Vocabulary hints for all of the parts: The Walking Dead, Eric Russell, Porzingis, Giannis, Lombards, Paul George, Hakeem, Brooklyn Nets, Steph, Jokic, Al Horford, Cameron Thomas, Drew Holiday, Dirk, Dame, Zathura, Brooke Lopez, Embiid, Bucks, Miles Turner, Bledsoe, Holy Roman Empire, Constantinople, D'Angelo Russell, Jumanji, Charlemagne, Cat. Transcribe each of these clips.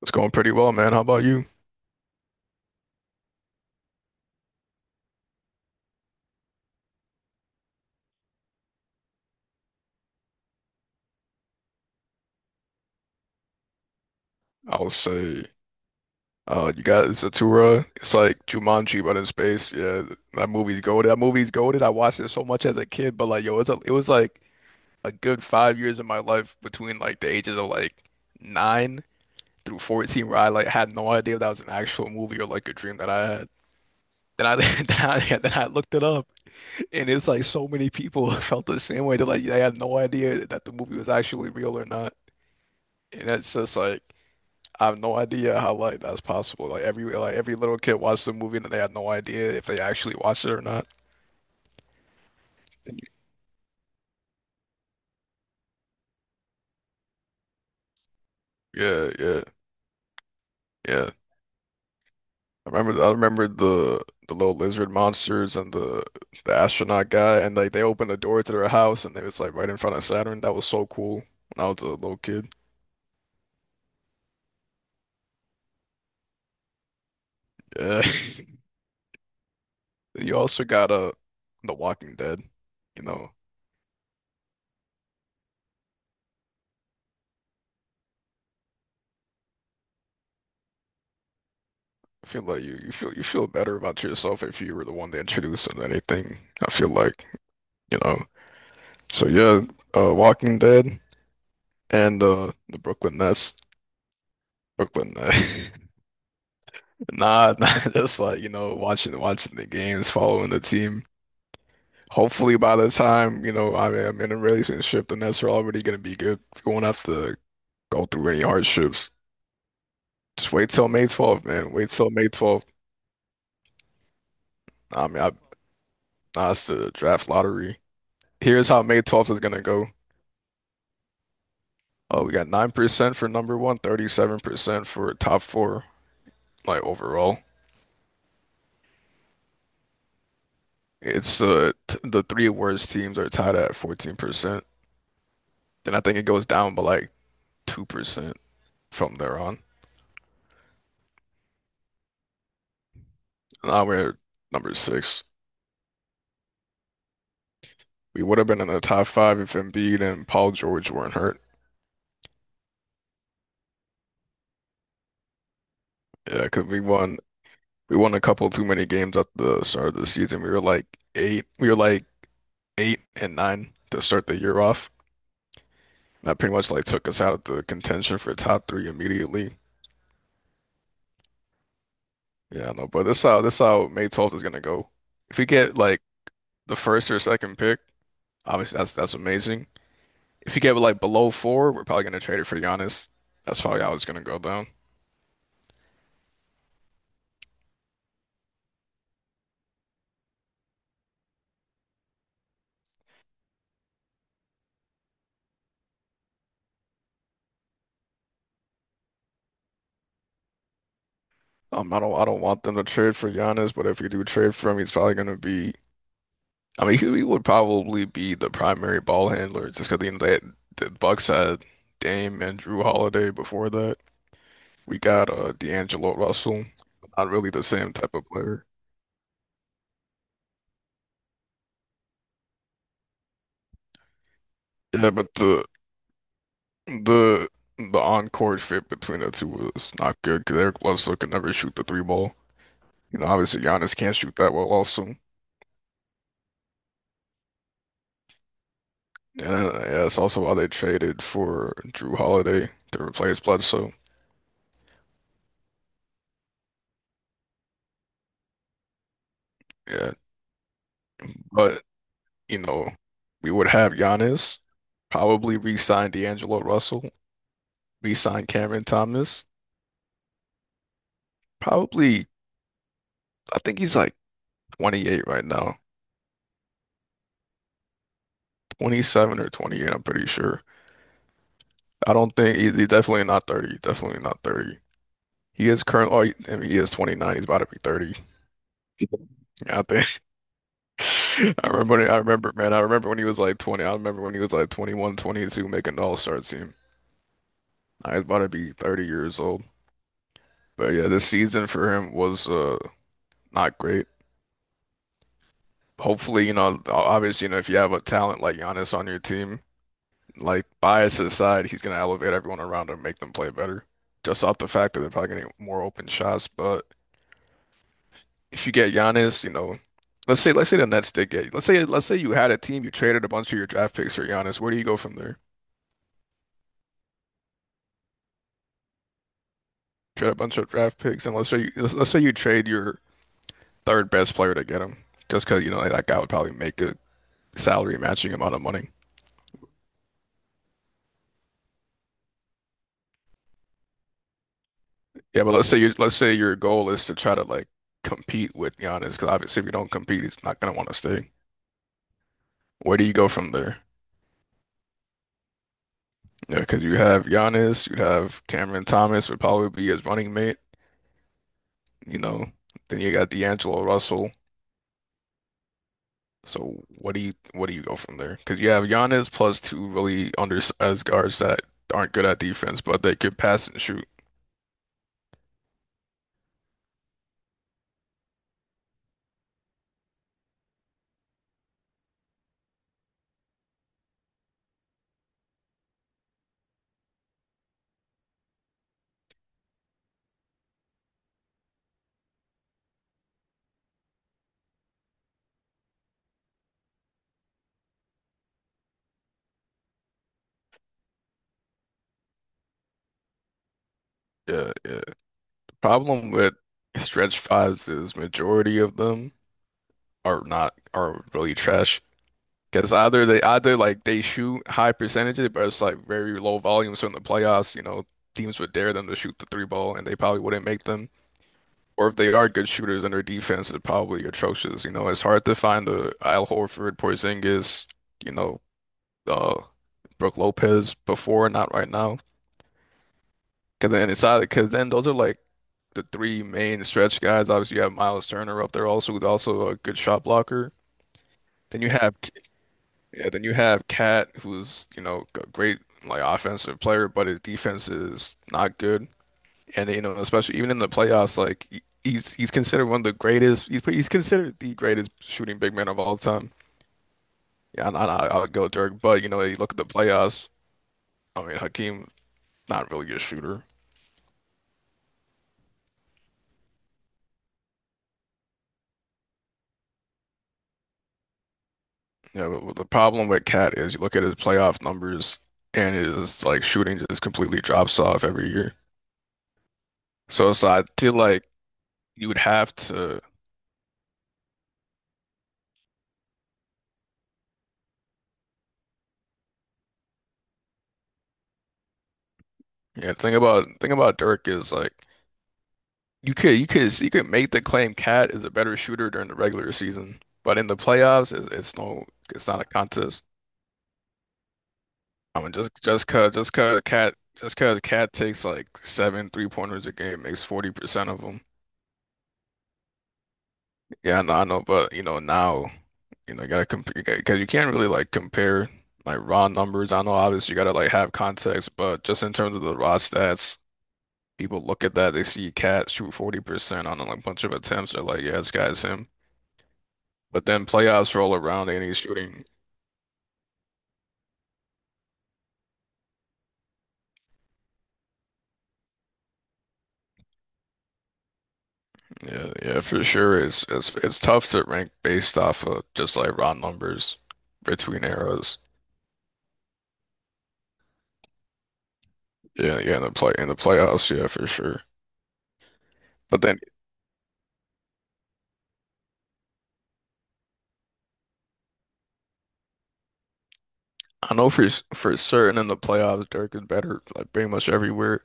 It's going pretty well, man. How about you? I would say, you got Zathura. It's like Jumanji, but in space. Yeah, that movie's goated. That movie's goated. I watched it so much as a kid, but like, yo, it was like a good 5 years of my life between like the ages of like 9 through 14 where I like had no idea if that was an actual movie or like a dream that I had. Then I, yeah, then I looked it up, and it's like so many people felt the same way. They're like, they had no idea that the movie was actually real or not. And that's just like, I have no idea how like that's possible. Like every little kid watched the movie and they had no idea if they actually watched it or not. Yeah, yeah, yeah. I remember the little lizard monsters and the astronaut guy, and like they opened the door to their house and it was like right in front of Saturn. That was so cool when I was a little kid. Yeah. You also got The Walking Dead. You know, I feel like you feel better about yourself if you were the one that introduced it to anything. I feel like, you know. So yeah, Walking Dead and the Brooklyn Nets, Brooklyn Nets. Nah, nah, just like you know, watching the games, following the team. Hopefully, by the time I mean, I'm in a relationship, the Nets are already gonna be good. You won't have to go through any hardships. Just wait till May 12th, man. Wait till May 12th. Nah, I mean, it's the draft lottery. Here's how May 12th is gonna go. Oh, we got 9% for number one, 37% for top four, like overall. It's t the three worst teams are tied at 14%. Then I think it goes down by like 2% from there on. Now we're number six. We would have been in the top five if Embiid and Paul George weren't hurt. Yeah, because we won a couple too many games at the start of the season. We were like eight and nine to start the year off. That pretty much like took us out of the contention for top three immediately. Yeah, I know, but this how May 12th is gonna go. If we get like the first or second pick, obviously, that's amazing. If you get like below four, we're probably gonna trade it for Giannis. That's probably how it's gonna go down. I don't want them to trade for Giannis, but if you do trade for him, he's probably gonna be. I mean, he would probably be the primary ball handler just because you know, the Bucks had Dame and Drew Holiday before that. We got D'Angelo Russell, not really the same type of player. Yeah, but the the on-court fit between the two was not good because Eric Russell could never shoot the three ball. You know, obviously Giannis can't shoot that well also. Yeah, yeah, that's also why they traded for Drew Holiday to replace Bledsoe. Yeah. But, you know, we would have Giannis, probably re-sign D'Angelo Russell, re-sign Cameron Thomas. Probably I think he's like 28 right now. 27 or 28, I'm pretty sure. I don't think he's definitely not 30. Definitely not 30. He is current. Oh, I mean, he is 29. He's about to be 30. Yeah, I think I remember, man. I remember when he was like 20. I remember when he was like 21, 22, making the All-Star team. I was about to be 30 years old. But yeah, this season for him was not great. Hopefully, obviously, if you have a talent like Giannis on your team, like bias aside, he's gonna elevate everyone around him, make them play better. Just off the fact that they're probably getting more open shots. But if you get Giannis, let's say the Nets did get, let's say you had a team, you traded a bunch of your draft picks for Giannis. Where do you go from there? Trade a bunch of draft picks, and let's say let's say you trade your third best player to get him, just because like, that guy would probably make a salary matching amount of money. Yeah, but let's say your goal is to try to like compete with Giannis, because obviously if you don't compete, he's not gonna want to stay. Where do you go from there? Yeah, because you have Giannis, you have Cameron Thomas would probably be his running mate, you know. Then you got D'Angelo Russell. So what do you go from there? Because you have Giannis plus two really undersized guards that aren't good at defense, but they could pass and shoot. Yeah, yeah. Problem with stretch fives is majority of them are not are really trash. Because either they either like they shoot high percentages, but it's like very low volumes from the playoffs. You know, teams would dare them to shoot the three ball, and they probably wouldn't make them. Or if they are good shooters, and their defense is probably atrocious. You know, it's hard to find a Al Horford, Porzingis, you know, uh Brooke Lopez before, not right now. Because then those are like the three main stretch guys. Obviously, you have Miles Turner up there also, who's also a good shot blocker. Then you have yeah, then you have Cat, who's a great like offensive player, but his defense is not good. And especially even in the playoffs, like he's considered one of the greatest. He's considered the greatest shooting big man of all time. Yeah, I would go Dirk, but you look at the playoffs. I mean, Hakeem, not really a shooter. Yeah, the problem with Cat is you look at his playoff numbers and his like shooting just completely drops off every year. So, I feel like you would have to yeah, the thing about Dirk is like you could make the claim Cat is a better shooter during the regular season, but in the playoffs it's not a contest. I mean just cause Cat takes like 7 three pointers a game, makes 40% of them. Yeah, I know, but now, you gotta compare because you can't really like compare like raw numbers. I know obviously you gotta like have context, but just in terms of the raw stats, people look at that, they see Cat shoot 40% on like a like, bunch of attempts, they're like, yeah, this guy's him. But then playoffs roll around and he's shooting. Yeah, yeah, for sure. It's tough to rank based off of just like raw numbers between eras. Yeah, yeah, in the playoffs, yeah, for sure. But then I know for certain in the playoffs, Dirk is better like pretty much everywhere.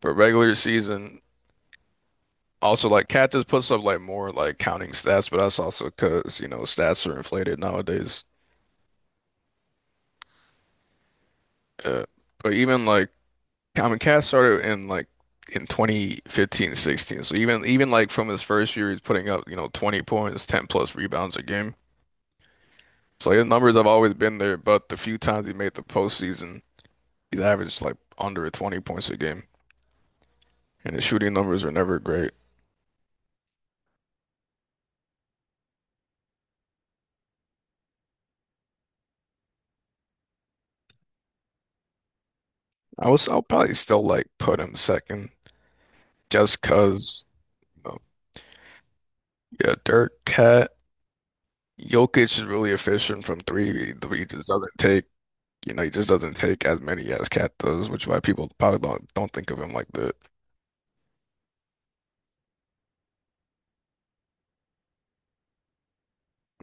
But regular season, also like Cat just puts up like more like counting stats, but that's also because stats are inflated nowadays. Uh, but even like I mean, Cat started in like in 2015-16, so even like from his first year, he's putting up 20 points, 10 plus rebounds a game. So his numbers have always been there, but the few times he made the postseason, he's averaged like under 20 points a game, and his shooting numbers are never great. I'll probably still like put him second, just 'cause you know, yeah, Dirk, Cat. Jokic is really efficient from three. Three just doesn't take you know, he just doesn't take as many as Cat does, which is why people probably don't think of him like that.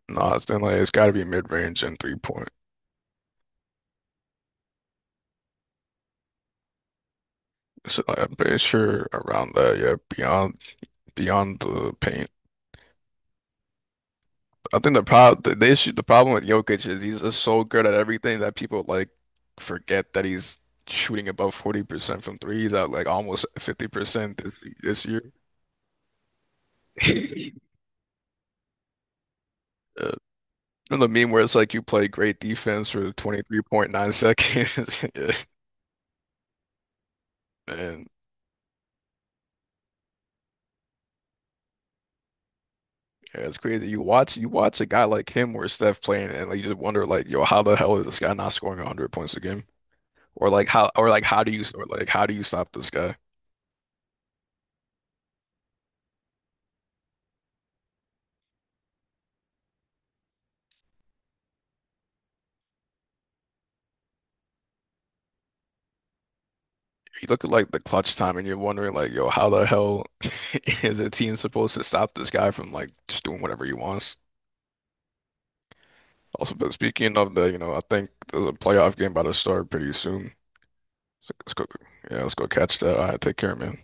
No, it's then like it's gotta be mid range and 3-point. So like, I'm pretty sure around that, yeah, beyond the paint. I think the problem, the issue, the problem with Jokic is he's just so good at everything that people like forget that he's shooting above 40% from threes at like almost 50% this year. Uh, you know the meme where it's like you play great defense for 23.9 seconds. Yeah, man, yeah, it's crazy. You watch a guy like him or Steph playing and like you just wonder like, yo, how the hell is this guy not scoring 100 points a game? Or like how do you stop this guy? You look at like the clutch time and you're wondering like, yo, how the hell is a team supposed to stop this guy from like just doing whatever he wants? Also, but speaking of I think there's a playoff game about to start pretty soon. So let's go. Yeah, let's go catch that. All right, take care, man.